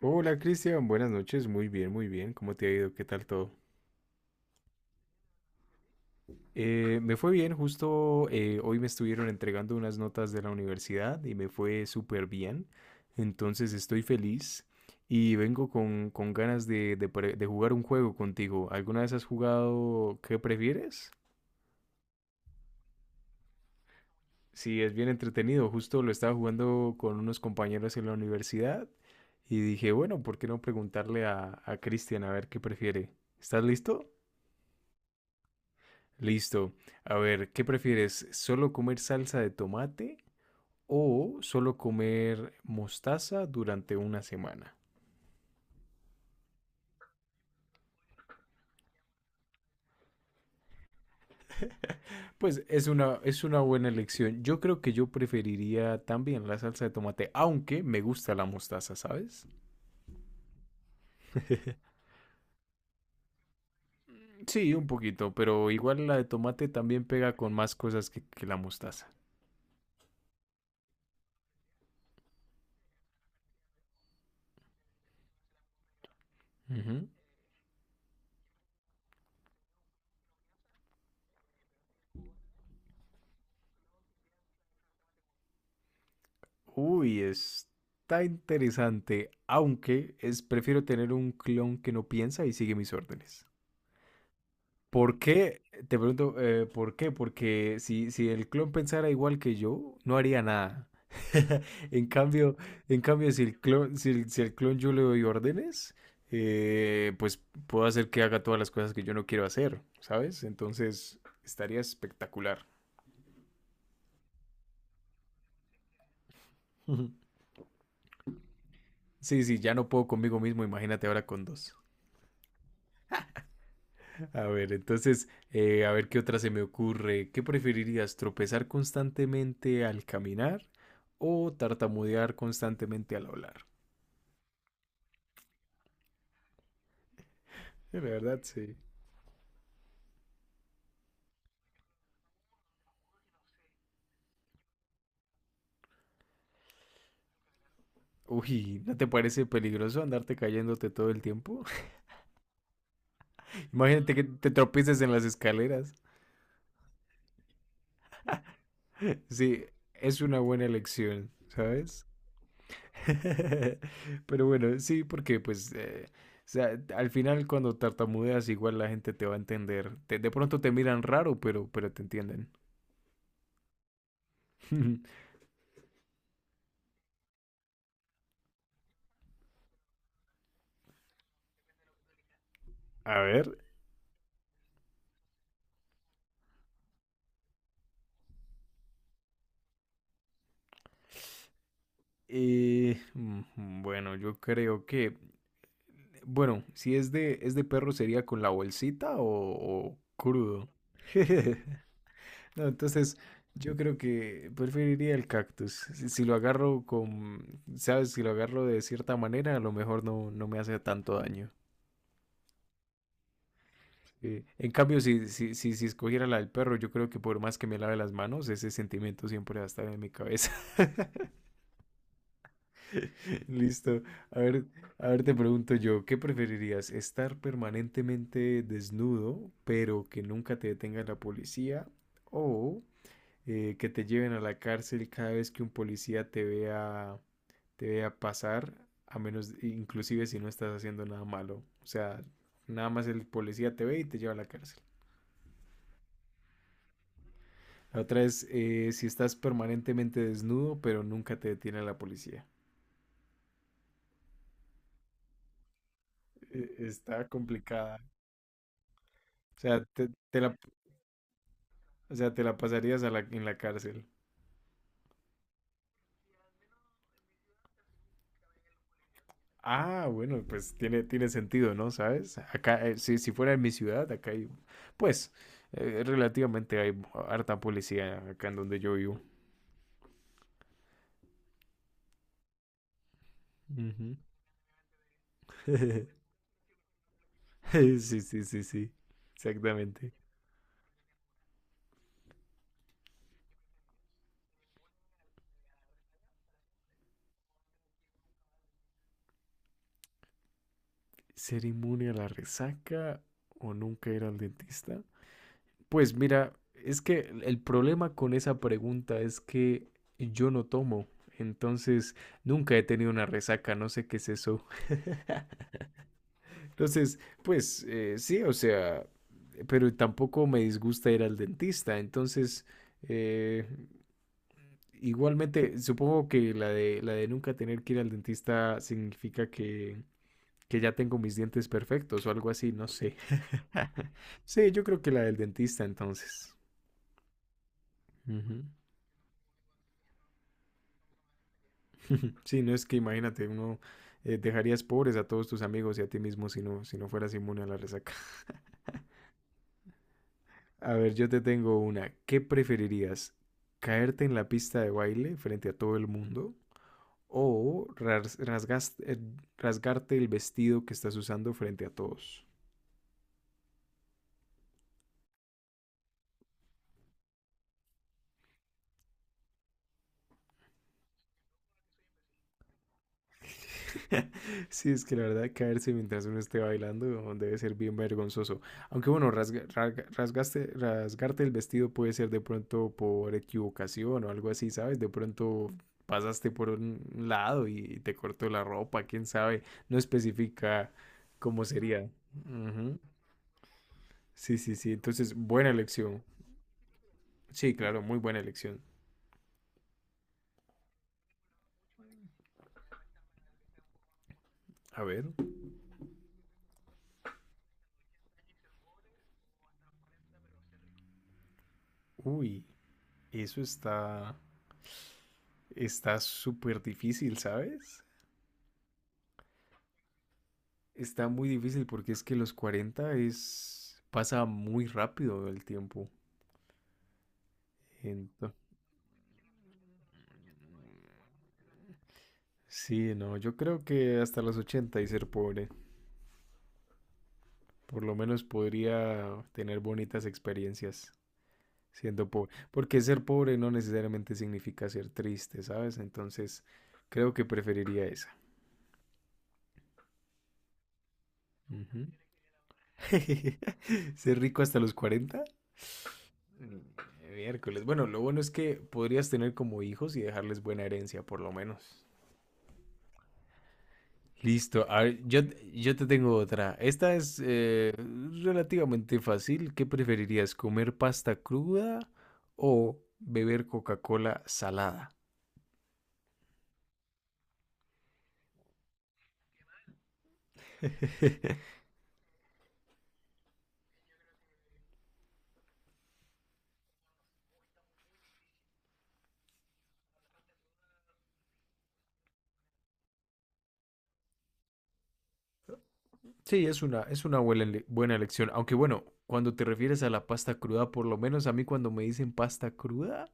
Hola Cristian, buenas noches, muy bien, ¿cómo te ha ido? ¿Qué tal todo? Me fue bien, justo hoy me estuvieron entregando unas notas de la universidad y me fue súper bien, entonces estoy feliz y vengo con ganas de jugar un juego contigo. ¿Alguna vez has jugado qué prefieres? Sí, es bien entretenido, justo lo estaba jugando con unos compañeros en la universidad y dije, bueno, ¿por qué no preguntarle a Cristian a ver qué prefiere? ¿Estás listo? Listo. A ver, ¿qué prefieres? ¿Solo comer salsa de tomate o solo comer mostaza durante una semana? Pues es una buena elección. Yo creo que yo preferiría también la salsa de tomate, aunque me gusta la mostaza, ¿sabes? Sí, un poquito, pero igual la de tomate también pega con más cosas que la mostaza. Ujú. Uy, está interesante, aunque es prefiero tener un clon que no piensa y sigue mis órdenes. ¿Por qué? Te pregunto, ¿por qué? Porque si el clon pensara igual que yo, no haría nada. En cambio, en cambio, si el clon yo le doy órdenes, pues puedo hacer que haga todas las cosas que yo no quiero hacer, ¿sabes? Entonces, estaría espectacular. Sí, sí, ya no puedo conmigo mismo, imagínate ahora con dos. A ver, entonces, a ver qué otra se me ocurre. ¿Qué preferirías, tropezar constantemente al caminar o tartamudear constantemente al hablar? La verdad, sí. Uy, ¿no te parece peligroso andarte cayéndote todo el tiempo? Imagínate que te tropieces en las escaleras. Sí, es una buena elección, ¿sabes? Pero bueno, sí, porque pues, o sea, al final cuando tartamudeas igual la gente te va a entender. De pronto te miran raro, pero te entienden. A ver, bueno, yo creo que, bueno, si es de perro sería con la bolsita o crudo. No, entonces yo creo que preferiría el cactus. Si lo agarro sabes, si lo agarro de cierta manera, a lo mejor no me hace tanto daño. Sí. En cambio, si escogiera la del perro, yo creo que por más que me lave las manos, ese sentimiento siempre va a estar en mi cabeza. Listo. A ver, a ver, te pregunto yo, ¿qué preferirías? ¿Estar permanentemente desnudo, pero que nunca te detenga la policía? ¿O que te lleven a la cárcel cada vez que un policía te vea pasar, a menos, inclusive si no estás haciendo nada malo? O sea, nada más el policía te ve y te lleva a la cárcel. La otra es si estás permanentemente desnudo, pero nunca te detiene la policía. Está complicada. O sea, te la pasarías en la cárcel. Ah, bueno, pues tiene sentido, ¿no? ¿Sabes? Acá, si fuera en mi ciudad, acá hay, pues, relativamente hay harta policía acá en donde yo vivo. Ujú. Sí, sí, sí, sí, exactamente. ¿Ser inmune a la resaca o nunca ir al dentista? Pues mira, es que el problema con esa pregunta es que yo no tomo, entonces nunca he tenido una resaca, no sé qué es eso. Entonces, pues sí, o sea, pero tampoco me disgusta ir al dentista. Entonces, eh, igualmente, supongo que la de nunca tener que ir al dentista significa que ya tengo mis dientes perfectos o algo así, no sé. Sí, yo creo que la del dentista entonces. Ujú. Sí, no es que imagínate, uno dejarías pobres a todos tus amigos y a ti mismo si no fueras inmune a la resaca. A ver, yo te tengo una. ¿Qué preferirías? ¿Caerte en la pista de baile frente a todo el mundo? ¿O rasgarte el vestido que estás usando frente a todos? Sí, es que la verdad caerse mientras uno esté bailando debe ser bien vergonzoso. Aunque bueno, rasgarte el vestido puede ser de pronto por equivocación o algo así, ¿sabes? De pronto pasaste por un lado y te cortó la ropa, quién sabe. No especifica cómo sería. Ujú. Sí, sí, sí. Entonces, buena elección. Sí, claro, muy buena elección. A ver. Uy, eso está súper difícil, ¿sabes? Está muy difícil porque es que los 40 es. Pasa muy rápido el tiempo. Ento- sí, no, yo creo que hasta los 80 y ser pobre. Por lo menos podría tener bonitas experiencias siendo pobre. Porque ser pobre no necesariamente significa ser triste, ¿sabes? Entonces, creo que preferiría esa. Ujú. Ser rico hasta los 40. Mm, miércoles. Bueno, lo bueno es que podrías tener como hijos y dejarles buena herencia, por lo menos. Listo. A ver, yo te tengo otra. Esta es relativamente fácil. ¿Qué preferirías, comer pasta cruda o beber Coca-Cola salada? Sí, es una buena, buena elección. Aunque bueno, cuando te refieres a la pasta cruda, por lo menos a mí cuando me dicen pasta cruda,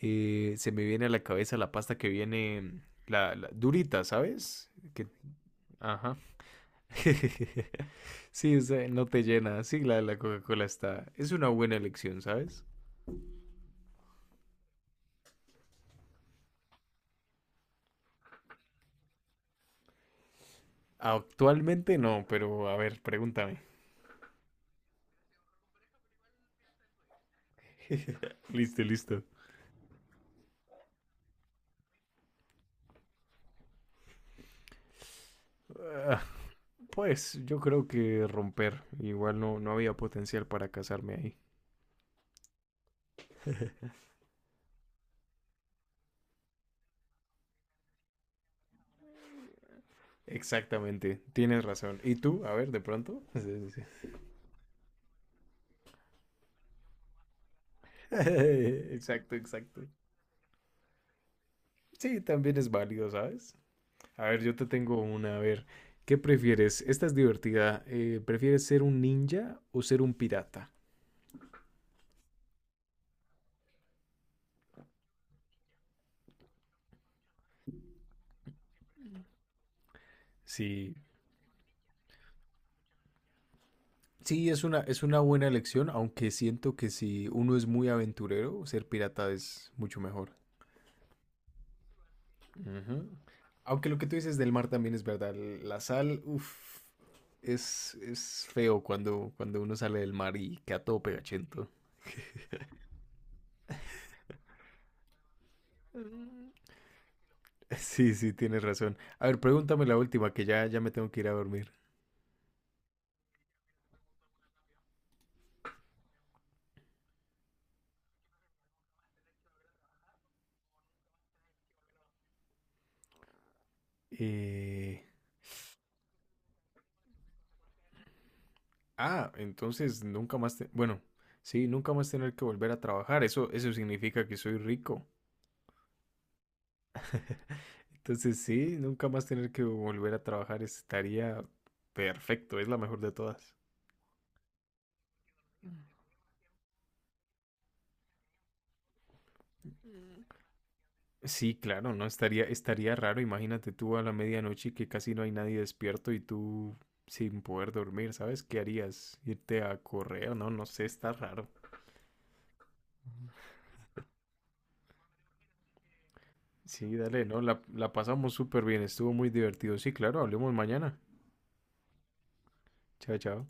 se me viene a la cabeza la pasta que viene, la durita, ¿sabes? Que, ajá. Sí, o sea, no te llena. Sí, la de la Coca-Cola está. Es una buena elección, ¿sabes? Actualmente no, pero a ver, pregúntame. Listo, listo. Ah, pues yo creo que romper. Igual no, no había potencial para casarme ahí. Exactamente, tienes razón. ¿Y tú? A ver, de pronto. Sí, sí, sí. Exacto, exacto. Sí, también es válido, ¿sabes? A ver, yo te tengo una. A ver, ¿qué prefieres? Esta es divertida. ¿Prefieres ser un ninja o ser un pirata? Sí, sí, es una buena elección, aunque siento que si uno es muy aventurero, ser pirata es mucho mejor. Ujú. Aunque lo que tú dices del mar también es verdad. La sal, uff, es feo cuando uno sale del mar y queda todo pegachento. Mm. Sí, sí, tienes razón. A ver, pregúntame la última, que ya, ya me tengo que ir a dormir. Eh, Ah, entonces nunca más, bueno, sí, nunca más tener que volver a trabajar. Eso significa que soy rico. Entonces sí, nunca más tener que volver a trabajar estaría perfecto, es la mejor de todas. Sí, claro, no, estaría raro, imagínate tú a la medianoche que casi no hay nadie despierto y tú sin poder dormir, ¿sabes? ¿Qué harías? ¿Irte a correr? No, no sé, está raro. Sí, dale, no, la pasamos súper bien, estuvo muy divertido. Sí, claro, hablemos mañana. Chao, chao.